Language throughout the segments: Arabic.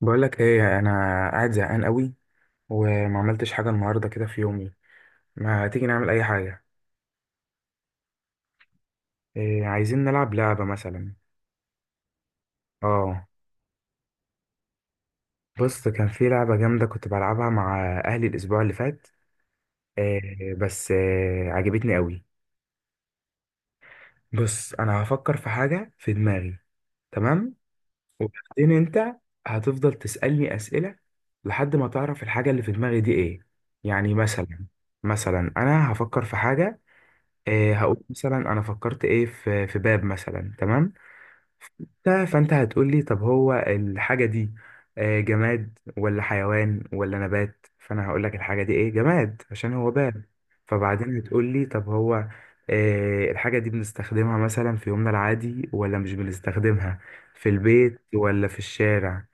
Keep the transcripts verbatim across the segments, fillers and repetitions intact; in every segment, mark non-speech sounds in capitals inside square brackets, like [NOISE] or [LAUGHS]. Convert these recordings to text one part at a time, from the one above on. بقول لك ايه، انا قاعد زهقان قوي، وما عملتش حاجه النهارده كده في يومي. ما تيجي نعمل اي حاجه؟ إيه، عايزين نلعب لعبه مثلا؟ اه. بص، كان في لعبه جامده كنت بلعبها مع اهلي الاسبوع اللي فات. إيه بس إيه، عجبتني قوي. بص انا هفكر في حاجه في دماغي، تمام. وبعدين انت هتفضل تسالني اسئله لحد ما تعرف الحاجه اللي في دماغي دي ايه. يعني مثلا، مثلا انا هفكر في حاجه. إيه، هقول مثلا انا فكرت ايه في في باب مثلا، تمام. ف- فانت هتقول لي طب هو الحاجه دي آه، جماد ولا حيوان ولا نبات، فانا هقول لك الحاجه دي ايه، جماد عشان هو باب. فبعدين هتقول لي طب هو آه، الحاجه دي بنستخدمها مثلا في يومنا العادي ولا مش بنستخدمها في البيت ولا في الشارع؟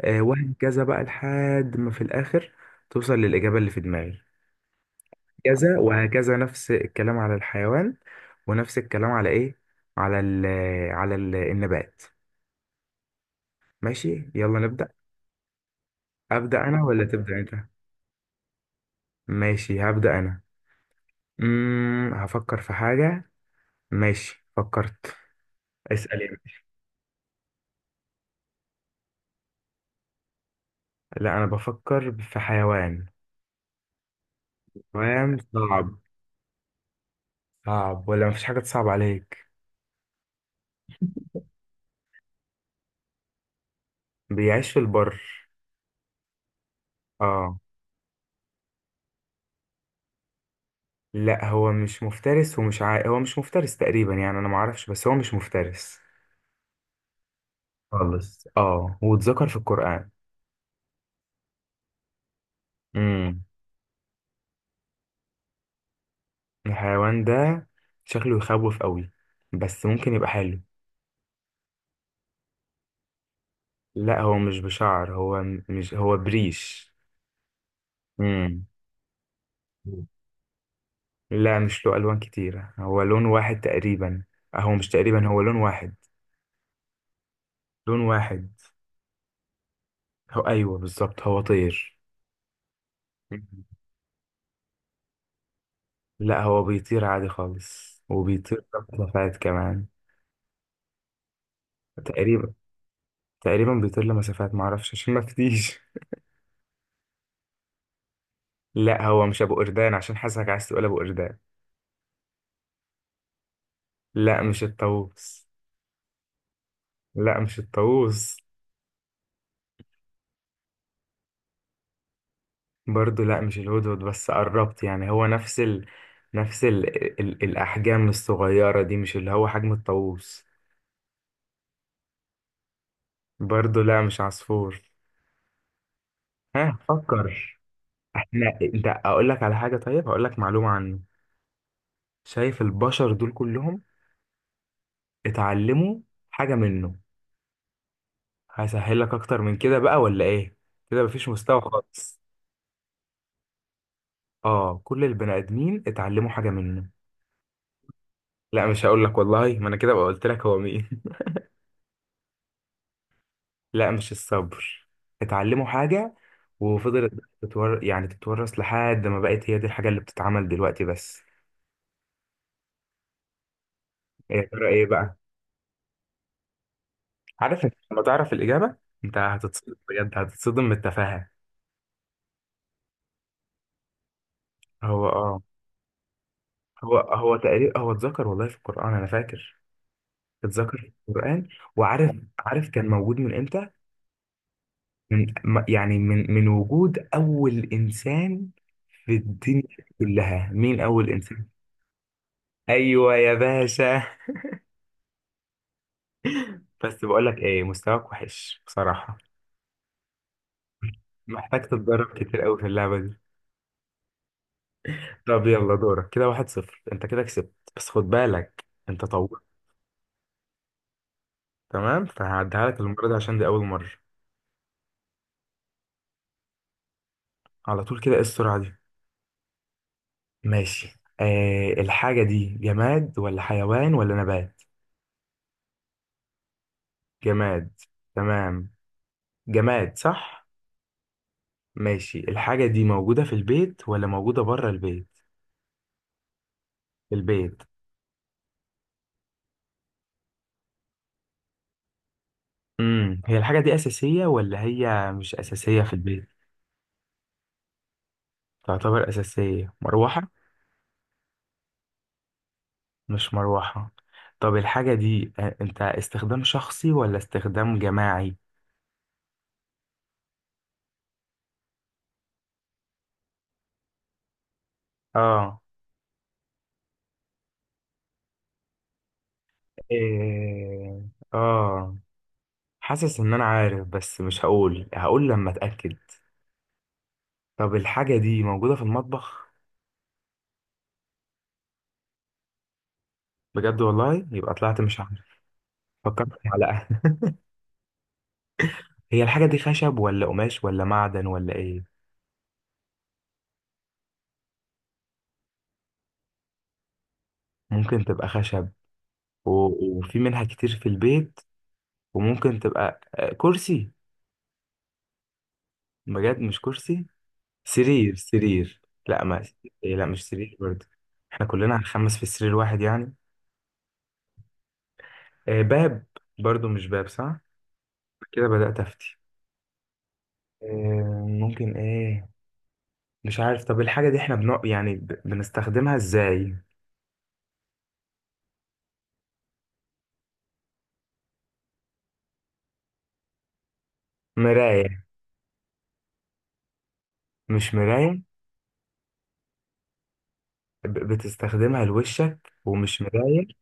آه، وهكذا بقى لحد ما في الاخر توصل للاجابه اللي في دماغي. كذا وهكذا، نفس الكلام على الحيوان، ونفس الكلام على ايه، على ال، على ال النبات. ماشي، يلا نبدأ. أبدأ أنا ولا تبدأ أنت؟ ماشي، هبدأ أنا. امم هفكر في حاجة. ماشي، فكرت. اسأل يعني. لا، أنا بفكر في حيوان. حيوان صعب. صعب ولا مفيش حاجة تصعب عليك؟ بيعيش في البر. اه. لا، هو مش مفترس ومش عا... هو مش مفترس تقريبا، يعني أنا معرفش بس هو مش مفترس خالص. اه، واتذكر في القرآن. امم الحيوان ده شكله يخوف قوي، بس ممكن يبقى حلو. لا، هو مش بشعر، هو م- مش هو بريش. امم مم. لا، مش له ألوان كتيرة، هو لون واحد تقريبا. آه، هو مش تقريبا، هو لون واحد. لون واحد. هو أيوه بالظبط، هو طير. مم. لا، هو بيطير عادي خالص، وبيطير مسافات كمان. تقريبا، تقريبا بيطير لمسافات معرفش عشان ما فتيش. لا هو مش ابو قردان، عشان حاسسك عايز تقول ابو قردان. لا، مش الطاووس. لا، مش الطاووس. برضو لا، مش الهدهد بس قربت يعني، هو نفس ال، نفس ال، ال الاحجام الصغيره دي مش اللي هو حجم الطاووس. برضو لا، مش عصفور. ها، فكر. احنا، انت اقول لك على حاجه، طيب هقول لك معلومه عنه. شايف البشر دول كلهم اتعلموا حاجه منه؟ هسهل لك اكتر من كده بقى ولا ايه؟ كده مفيش مستوى خالص. اه، كل البني ادمين اتعلموا حاجه منه. لا مش هقول لك والله، ما انا كده بقى قلت لك هو مين. [LAUGHS] لا، مش الصبر. اتعلموا حاجه وفضلت تتور... يعني تتورث لحد ما بقت هي دي الحاجه اللي بتتعمل دلوقتي بس. إيه، يا ترى ايه بقى؟ عارف إنت لما تعرف الاجابه انت هتتصدم، بجد هتتصدم من التفاهه. هو اه، هو هو تقريبا، هو اتذكر والله في القران، انا فاكر اتذكر في القران. وعارف، عارف كان موجود من امتى؟ من م- يعني من من وجود اول انسان في الدنيا كلها. مين اول انسان؟ ايوه يا باشا. بس بقول لك ايه، مستواك وحش بصراحه، محتاج تتدرب كتير قوي في اللعبه دي. طب يلا دورك. كده واحد صفر، انت كده كسبت، بس خد بالك انت طورت. تمام، فهعديها لك المره دي عشان دي اول مره. على طول كده؟ ايه السرعه دي؟ ماشي. آه الحاجه دي جماد ولا حيوان ولا نبات؟ جماد. تمام، جماد صح؟ ماشي، الحاجه دي موجوده في البيت ولا موجوده بره البيت؟ في البيت. امم هي الحاجة دي أساسية ولا هي مش أساسية في البيت؟ تعتبر أساسية، مروحة؟ مش مروحة. طب الحاجة دي آه، أنت استخدام شخصي ولا استخدام جماعي؟ آه. إيه... آه. حاسس إن أنا عارف، بس مش هقول، هقول لما أتأكد. طب الحاجة دي موجودة في المطبخ؟ بجد والله؟ يبقى طلعت مش عارف. فكرت في معلقة. [LAUGHS] هي الحاجة دي خشب ولا قماش ولا معدن ولا إيه؟ ممكن تبقى خشب، و... وفي منها كتير في البيت، وممكن تبقى آه، كرسي؟ بجد مش كرسي؟ سرير، سرير؟ لا ما، إيه، لا مش سرير برضه. احنا كلنا هنخمس في سرير واحد يعني؟ آه، باب؟ برضه مش باب صح؟ كده بدأت أفتي. آه، ممكن ايه؟ مش عارف. طب الحاجة دي احنا بنق... يعني ب- بنستخدمها ازاي؟ مراية؟ مش مراية. ب- بتستخدمها لوشك ومش مراية.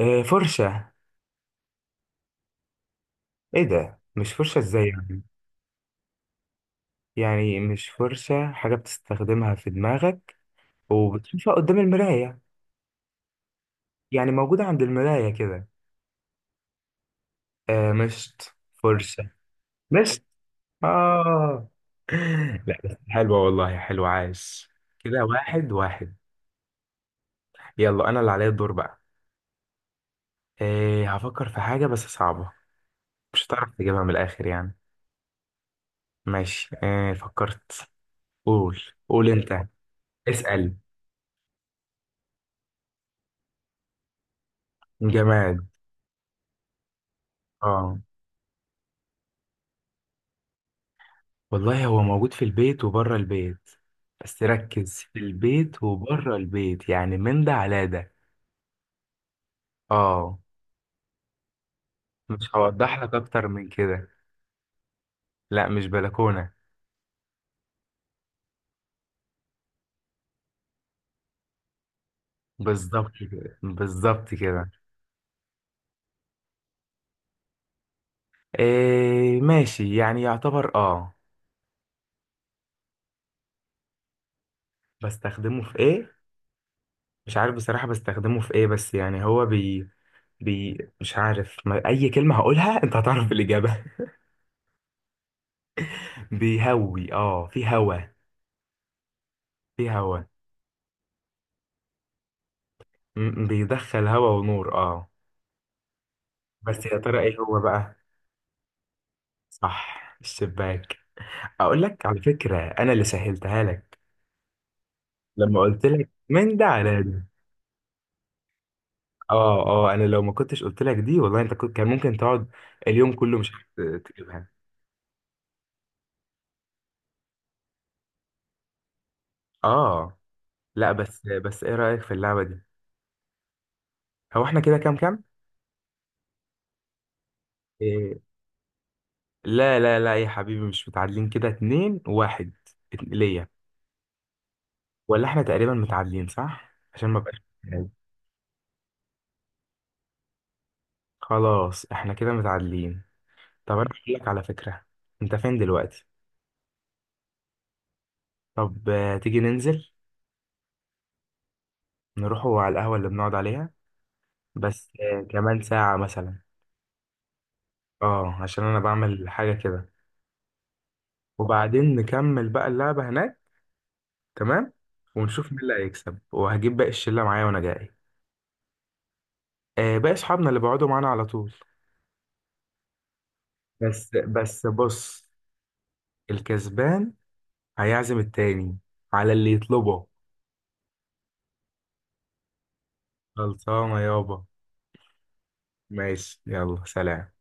آه، فرشة؟ ايه ده مش فرشة، ازاي يعني؟ يعني مش فرشة، حاجة بتستخدمها في دماغك وبتشوفها قدام المراية، يعني موجودة عند المراية كده. آه، مشط؟ فرشة؟ مشط؟ آه. [LAUGHS] لا بس حلوة والله، حلوة عايش. كده واحد واحد. يلا أنا اللي عليا الدور بقى. آه، هفكر في حاجة بس صعبة، مش هتعرف تجيبها من الآخر يعني. ماشي، آه فكرت. قول، قول أنت. اسأل. جماد. آه، والله هو موجود في البيت وبره البيت، بس ركز، في البيت وبره البيت يعني من ده على ده. آه. مش هوضح لك اكتر من كده. لا، مش بلكونه. بالظبط كده، بالظبط كده. إيه ماشي، يعني يعتبر، اه. بستخدمه في ايه؟ مش عارف بصراحه بستخدمه في ايه، بس يعني هو بي بي مش عارف، ما اي كلمه هقولها انت هتعرف الاجابه. [LAUGHS] بيهوي؟ اه، في هوا. في هوا. م- بيدخل هوا ونور، اه. بس يا ترى ايه هو بقى؟ صح الشباك. اقول لك على فكره، انا اللي سهلتها لك لما قلت لك من ده على ده. اه اه، انا لو ما كنتش قلت لك دي والله انت كنت، كان ممكن تقعد اليوم كله مش عارف تجيبها. اه. لا بس، بس ايه رأيك في اللعبة دي؟ هو احنا كده كام كام؟ إيه، لا لا لا يا حبيبي، مش متعادلين، كده اتنين واحد، ات- ليا. ولا احنا تقريبا متعادلين صح عشان ما بقاش؟ خلاص احنا كده متعادلين. طب انا هقول لك على فكرة. انت فين دلوقتي؟ طب آه، تيجي ننزل؟ نروحوا على القهوة اللي بنقعد عليها، بس آه، كمان ساعة مثلا. اه عشان انا بعمل حاجة كده. وبعدين نكمل بقى اللعبة هناك، تمام. ونشوف مين اللي هيكسب. وهجيب باقي الشلة معايا وانا جاي. آه، باقي اصحابنا اللي بيقعدوا معانا على طول. بس بس بص. الكسبان هيعزم التاني على اللي يطلبه. خلصانة يابا. ماشي، يلا سلام.